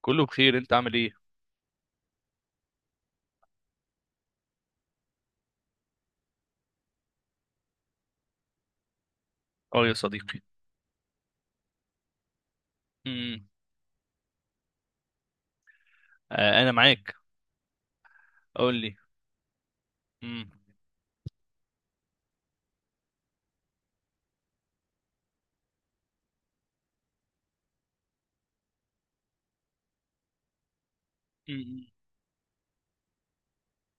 كله بخير، انت عامل ايه؟ اه يا صديقي. امم آه انا معاك. قول لي. امم. امم.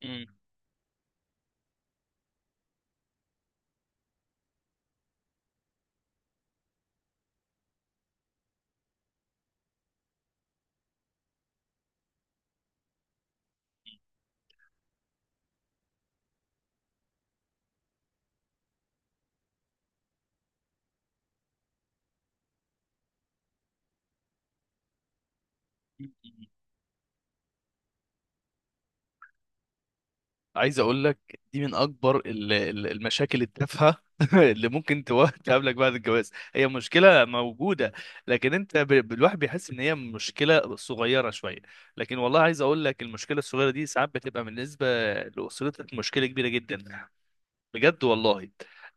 امم. امم. عايز اقول لك دي من اكبر المشاكل التافهه اللي ممكن تقابلك بعد الجواز، هي مشكله موجوده، لكن انت الواحد بيحس ان هي مشكله صغيره شويه، لكن والله عاس اقول لك المشكله الصغيره دي ساعات بتبقى بالنسبه لاسرتك مشكله كبيره جدا، بجد والله.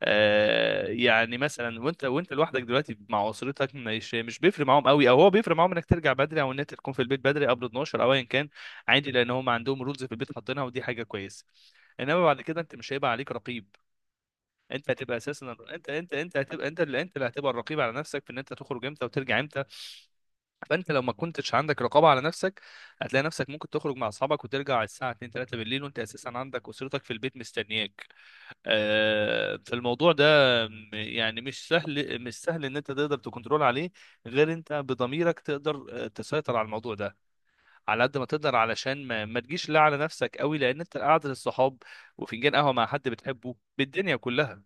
آه يعني مثلا وانت لوحدك دلوقتي مع اسرتك مش بيفرق معاهم قوي، او هو بيفرق معاهم انك ترجع بدري او ان انت تكون في البيت بدري قبل 12 او ايا كان. عادي لان هم عندهم رولز في البيت حاطينها ودي حاجه كويسه. انما بعد كده انت مش هيبقى عليك رقيب. انت هتبقى اساسا انت هتبقى انت اللي هتبقى الرقيب على نفسك في ان انت تخرج امتى وترجع امتى. فانت لو ما كنتش عندك رقابه على نفسك، هتلاقي نفسك ممكن تخرج مع اصحابك وترجع على الساعه 2 3 بالليل، وانت اساسا عندك اسرتك في البيت مستنياك. فالموضوع ده يعني مش سهل، ان انت تقدر تكنترول عليه غير انت بضميرك تقدر تسيطر على الموضوع ده على قد ما تقدر، علشان ما تجيش لا على نفسك قوي، لان انت قعدة الصحاب وفنجان قهوه مع حد بتحبه بالدنيا كلها.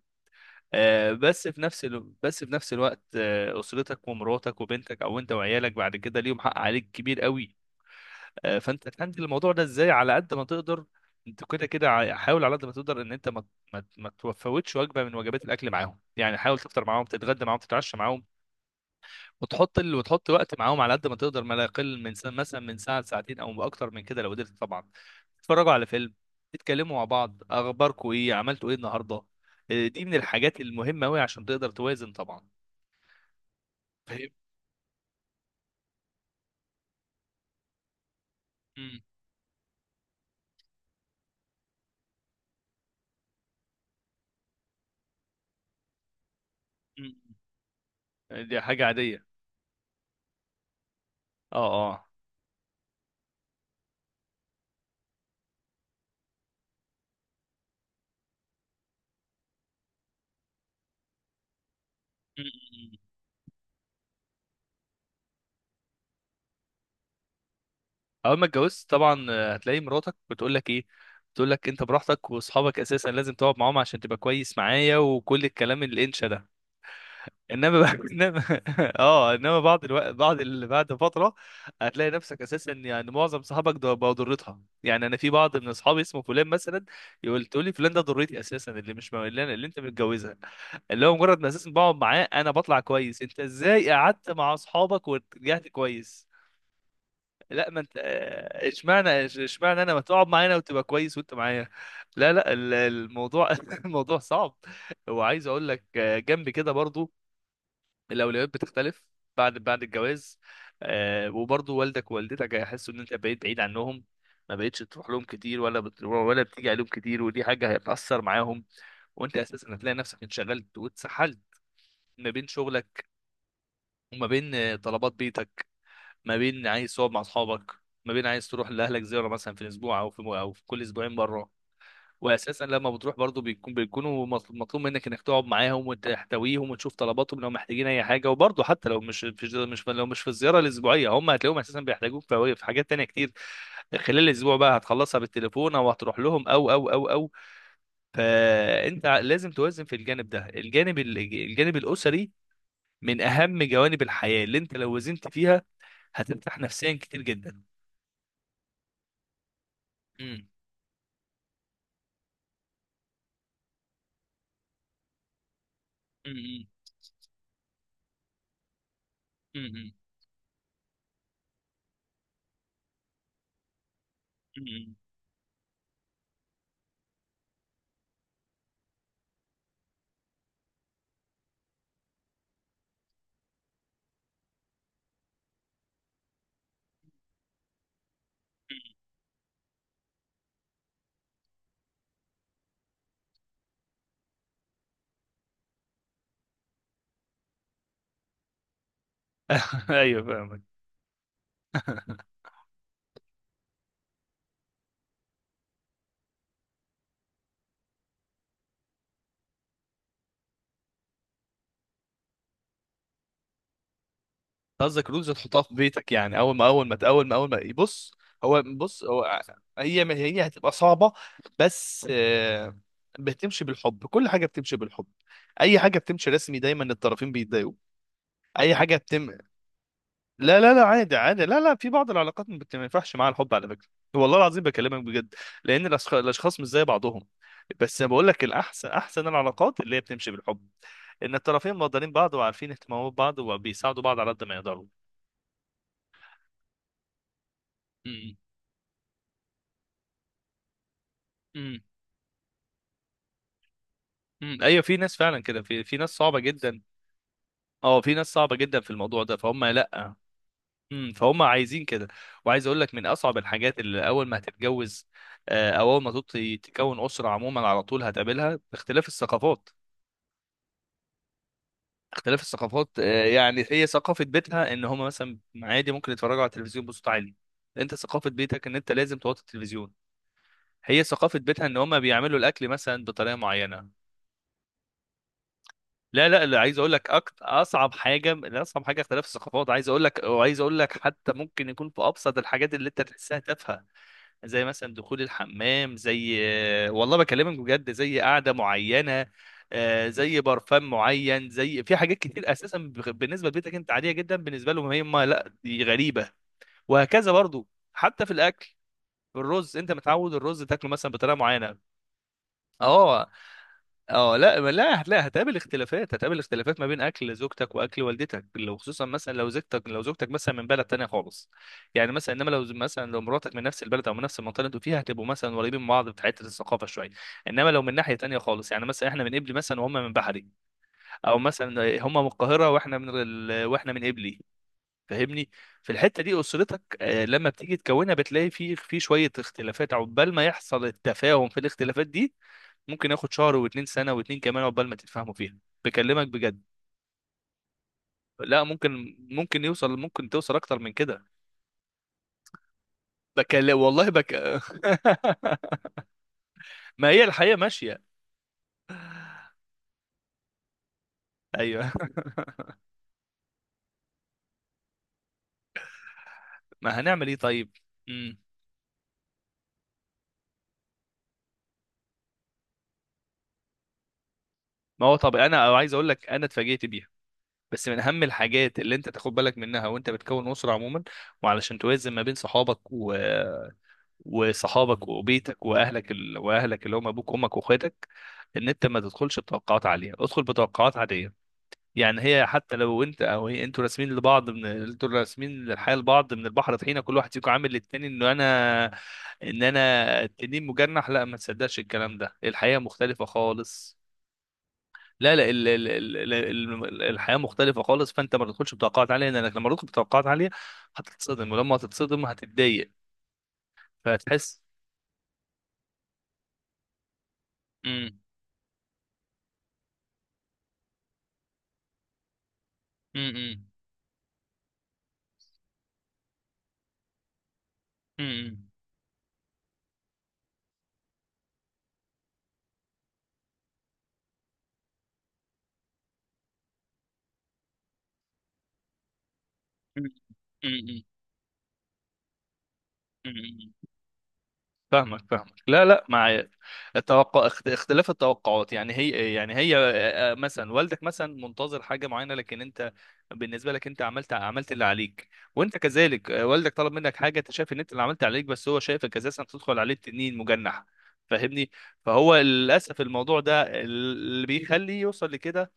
بس في نفس الوقت، اسرتك ومراتك وبنتك او انت وعيالك بعد كده ليهم حق عليك كبير قوي. فانت تهندل الموضوع ده ازاي على قد ما تقدر. انت كده كده حاول على قد ما تقدر ان انت ما تفوتش وجبه من وجبات الاكل معاهم، يعني حاول تفطر معاهم، تتغدى معاهم، تتعشى معاهم. وتحط وقت معاهم على قد ما تقدر، ما لا يقل من مثلا من ساعه لساعتين، او اكتر من كده لو قدرت طبعا. تتفرجوا على فيلم، تتكلموا مع بعض، اخباركم ايه، عملتوا ايه النهارده. إيه، دي من الحاجات المهمه قوي عشان تقدر توازن طبعا. فاهم. مم. مم. دي حاجه عاديه. اه، اه. مم. اول ما اتجوزت طبعا، هتلاقي مراتك بتقول لك ايه. بتقول لك انت براحتك، واصحابك اساسا لازم تقعد معاهم عشان تبقى كويس معايا، وكل الكلام الانشا ده. انما اه انما بعض الوقت، بعد فتره هتلاقي نفسك اساسا، يعني معظم صحابك ده بقوا ضرتها. يعني انا في بعض من اصحابي اسمه فلان مثلا، تقول لي فلان ده ضرتي اساسا، اللي مش م- اللي, أنا... اللي انت متجوزها، اللي هو مجرد ما اساسا بقعد معاه انا بطلع كويس، انت ازاي قعدت مع اصحابك ورجعت كويس؟ لا، ما انت اشمعنى اشمعنى انا، ما تقعد معانا وتبقى كويس وانت معايا. لا، لا، الموضوع الموضوع صعب. وعايز اقول لك جنب كده برضو، الاولويات بتختلف بعد الجواز. وبرضه والدك ووالدتك هيحسوا ان انت بقيت بعيد عنهم، ما بقتش تروح لهم كتير ولا بتيجي عليهم كتير، ودي حاجه هتاثر معاهم. وانت اساسا هتلاقي نفسك انشغلت واتسحلت ما بين شغلك، وما بين طلبات بيتك، ما بين عايز تقعد مع اصحابك، ما بين عايز تروح لاهلك زياره مثلا في الاسبوع، او في كل اسبوعين مره. واساسا لما بتروح برضو بيكونوا مطلوب منك انك تقعد معاهم وتحتويهم وتشوف طلباتهم لو محتاجين اي حاجه. وبرضو حتى لو مش مش مش لو مش في الزياره الاسبوعيه، هم هتلاقيهم اساسا بيحتاجوك في حاجات تانية كتير. خلال الاسبوع بقى هتخلصها بالتليفون او هتروح لهم او. فانت لازم توازن في الجانب ده، الجانب الاسري، من اهم جوانب الحياه، اللي انت لو وزنت فيها هترتاح نفسيا كتير جدا. امم. امم. امم. امم. ايوه، فاهمك. قصدك رولز تحطها في بيتك، يعني اول ما بص، هو، هي هتبقى صعبه. بس، بتمشي بالحب. كل حاجه بتمشي بالحب. اي حاجه بتمشي رسمي دايما الطرفين بيتضايقوا. اي حاجه بتم لا، لا، لا، عادي عادي، لا، لا، في بعض العلاقات ما ينفعش معاها الحب على فكره. والله العظيم بكلمك بجد، لان الاشخاص مش زي بعضهم. بس انا بقول لك الاحسن، العلاقات اللي هي بتمشي بالحب، ان الطرفين مقدرين بعض وعارفين اهتمامات بعض وبيساعدوا بعض على قد ما يقدروا. امم. امم، ايوه، في ناس فعلا كده، في ناس صعبه جدا. اه، في ناس صعبه جدا في الموضوع ده، فهم لا. امم، فهم عايزين كده. وعايز اقول لك من اصعب الحاجات اللي اول ما هتتجوز، او اول ما تكون اسره عموما، على طول هتقابلها اختلاف الثقافات. اختلاف الثقافات، يعني هي ثقافه بيتها ان هم مثلا عادي ممكن يتفرجوا على التلفزيون بصوت عالي، انت ثقافه بيتك ان انت لازم توطي التلفزيون. هي ثقافه بيتها ان هم بيعملوا الاكل مثلا بطريقه معينه. لا، لا، لا، عايز اقول لك، اصعب حاجه، لا، اصعب حاجه اختلاف الثقافات. عايز اقول لك وعايز اقول لك حتى ممكن يكون في ابسط الحاجات اللي انت تحسها تافهه، زي مثلا دخول الحمام، زي والله بكلمك بجد، زي قعده معينه، زي برفان معين، زي في حاجات كتير اساسا بالنسبه لبيتك انت عاديه جدا، بالنسبه لهم هي ما لا دي غريبه، وهكذا برضو. حتى في الاكل، الرز انت متعود الرز تاكله مثلا بطريقه معينه. اه، اه. لا لا، لا، هتقابل اختلافات، ما بين اكل زوجتك واكل والدتك، لو خصوصا مثلا لو زوجتك، مثلا من بلد تانية خالص. يعني مثلا، انما لو مراتك من نفس البلد او من نفس المنطقه اللي انتوا فيها، هتبقوا مثلا قريبين من بعض في حته الثقافه شويه. انما لو من ناحيه تانية خالص، يعني مثلا احنا من قبلي مثلا وهم من بحري، او مثلا هم من القاهره واحنا من قبلي. فاهمني. في الحته دي اسرتك، لما بتيجي تكونها بتلاقي في شويه اختلافات، عقبال ما يحصل التفاهم في الاختلافات دي، ممكن ياخد شهر واتنين، سنة واتنين كمان، عقبال ما تتفاهموا فيها، بكلمك بجد. لا، ممكن، ممكن يوصل ممكن توصل اكتر من كده. والله ما هي الحياة ماشية. ايوه. ما هنعمل ايه طيب؟ امم. ما هو طب، انا عايز اقول لك، انا اتفاجئت بيها، بس من اهم الحاجات اللي انت تاخد بالك منها وانت بتكون اسره عموما. وعلشان توازن ما بين وصحابك وبيتك واهلك، واهلك اللي هم ابوك وامك واخواتك، ان انت ما تدخلش بتوقعات عاليه، ادخل بتوقعات عاديه. يعني هي حتى لو انت او هي، انتوا راسمين لبعض، من انتوا راسمين للحياه لبعض من البحر طحينه، كل واحد فيكم عامل للتاني انه انا، ان انا التنين مجنح، لا ما تصدقش الكلام ده، الحياه مختلفه خالص. لا، لا، الحياه مختلفه خالص. فانت ما تدخلش بتوقعات عاليه، لانك لما تدخل بتوقعات عاليه هتتصدم، ولما هتتصدم هتتضايق، فهتحس. امم. امم. امم. امم. فاهمك، لا، لا، التوقع، اختلاف التوقعات، يعني هي، يعني هي مثلا والدك مثلا منتظر حاجه معينه، لكن انت بالنسبه لك انت عملت اللي عليك. وانت كذلك والدك طلب منك حاجه انت شايف ان انت اللي عملت عليك، بس هو شايفك اساسا بتدخل عليه تنين مجنح، فاهمني. فهو للاسف الموضوع ده اللي بيخليه يوصل لكده.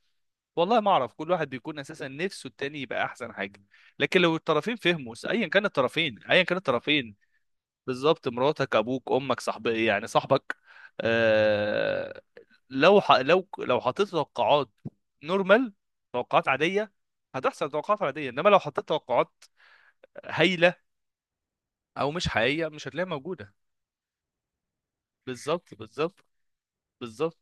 والله ما اعرف، كل واحد بيكون اساسا نفسه التاني يبقى احسن حاجه. لكن لو الطرفين فهموا، ايا كان الطرفين، بالظبط، مراتك ابوك امك يعني صاحبك. آه لو لو حطيت توقعات نورمال، توقعات عاديه، هتحصل توقعات عاديه. انما لو حطيت توقعات هايله او مش حقيقيه، مش هتلاقيها موجوده. بالظبط. بالظبط. بالظبط.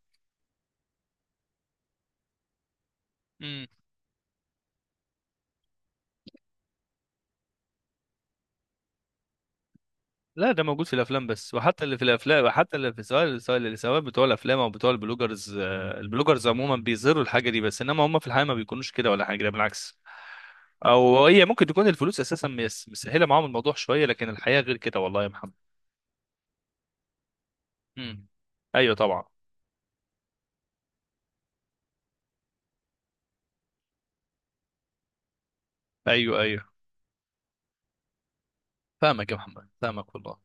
لا ده موجود في الافلام بس. وحتى اللي في الافلام، وحتى اللي في، سواء سواء اللي سواء بتوع الافلام او بتوع البلوجرز، البلوجرز عموما بيظهروا الحاجه دي، بس انما هم في الحقيقه ما بيكونوش كده ولا حاجه، ده بالعكس. او هي ممكن تكون الفلوس اساسا مسهله معاهم الموضوع شويه، لكن الحياه غير كده والله يا محمد. امم. ايوه طبعا. ايوه، ايوه، فاهمك يا محمد، فاهمك والله.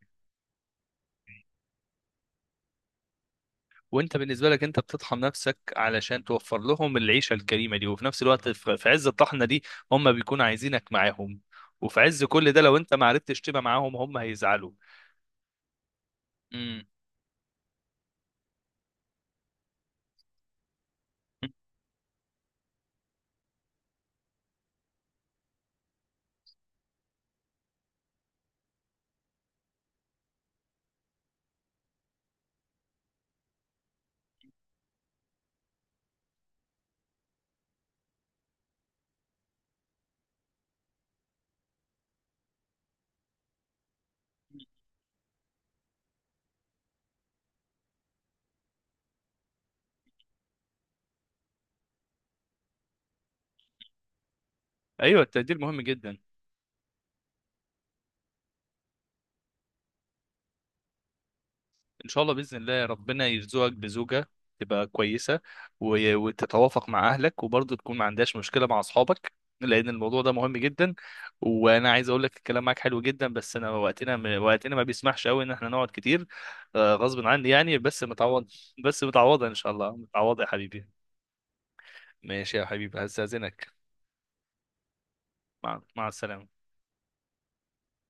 وانت بالنسبه لك انت بتطحن نفسك علشان توفر لهم العيشه الكريمه دي، وفي نفس الوقت في عز الطحنه دي هم بيكونوا عايزينك معاهم، وفي عز كل ده لو انت ما عرفتش تبقى معاهم هم هيزعلوا. امم. ايوه، التقدير مهم جدا. ان شاء الله باذن الله ربنا يرزقك بزوجه تبقى كويسه، وتتوافق مع اهلك وبرضه تكون ما عندهاش مشكله مع اصحابك، لان الموضوع ده مهم جدا. وانا عايز اقول لك الكلام معاك حلو جدا، بس انا وقتنا ما بيسمحش قوي ان احنا نقعد كتير، غصب عني يعني بس متعوض. بس متعوضه ان شاء الله، متعوضه يا حبيبي. ماشي يا حبيبي، هستاذنك. مع السلامه.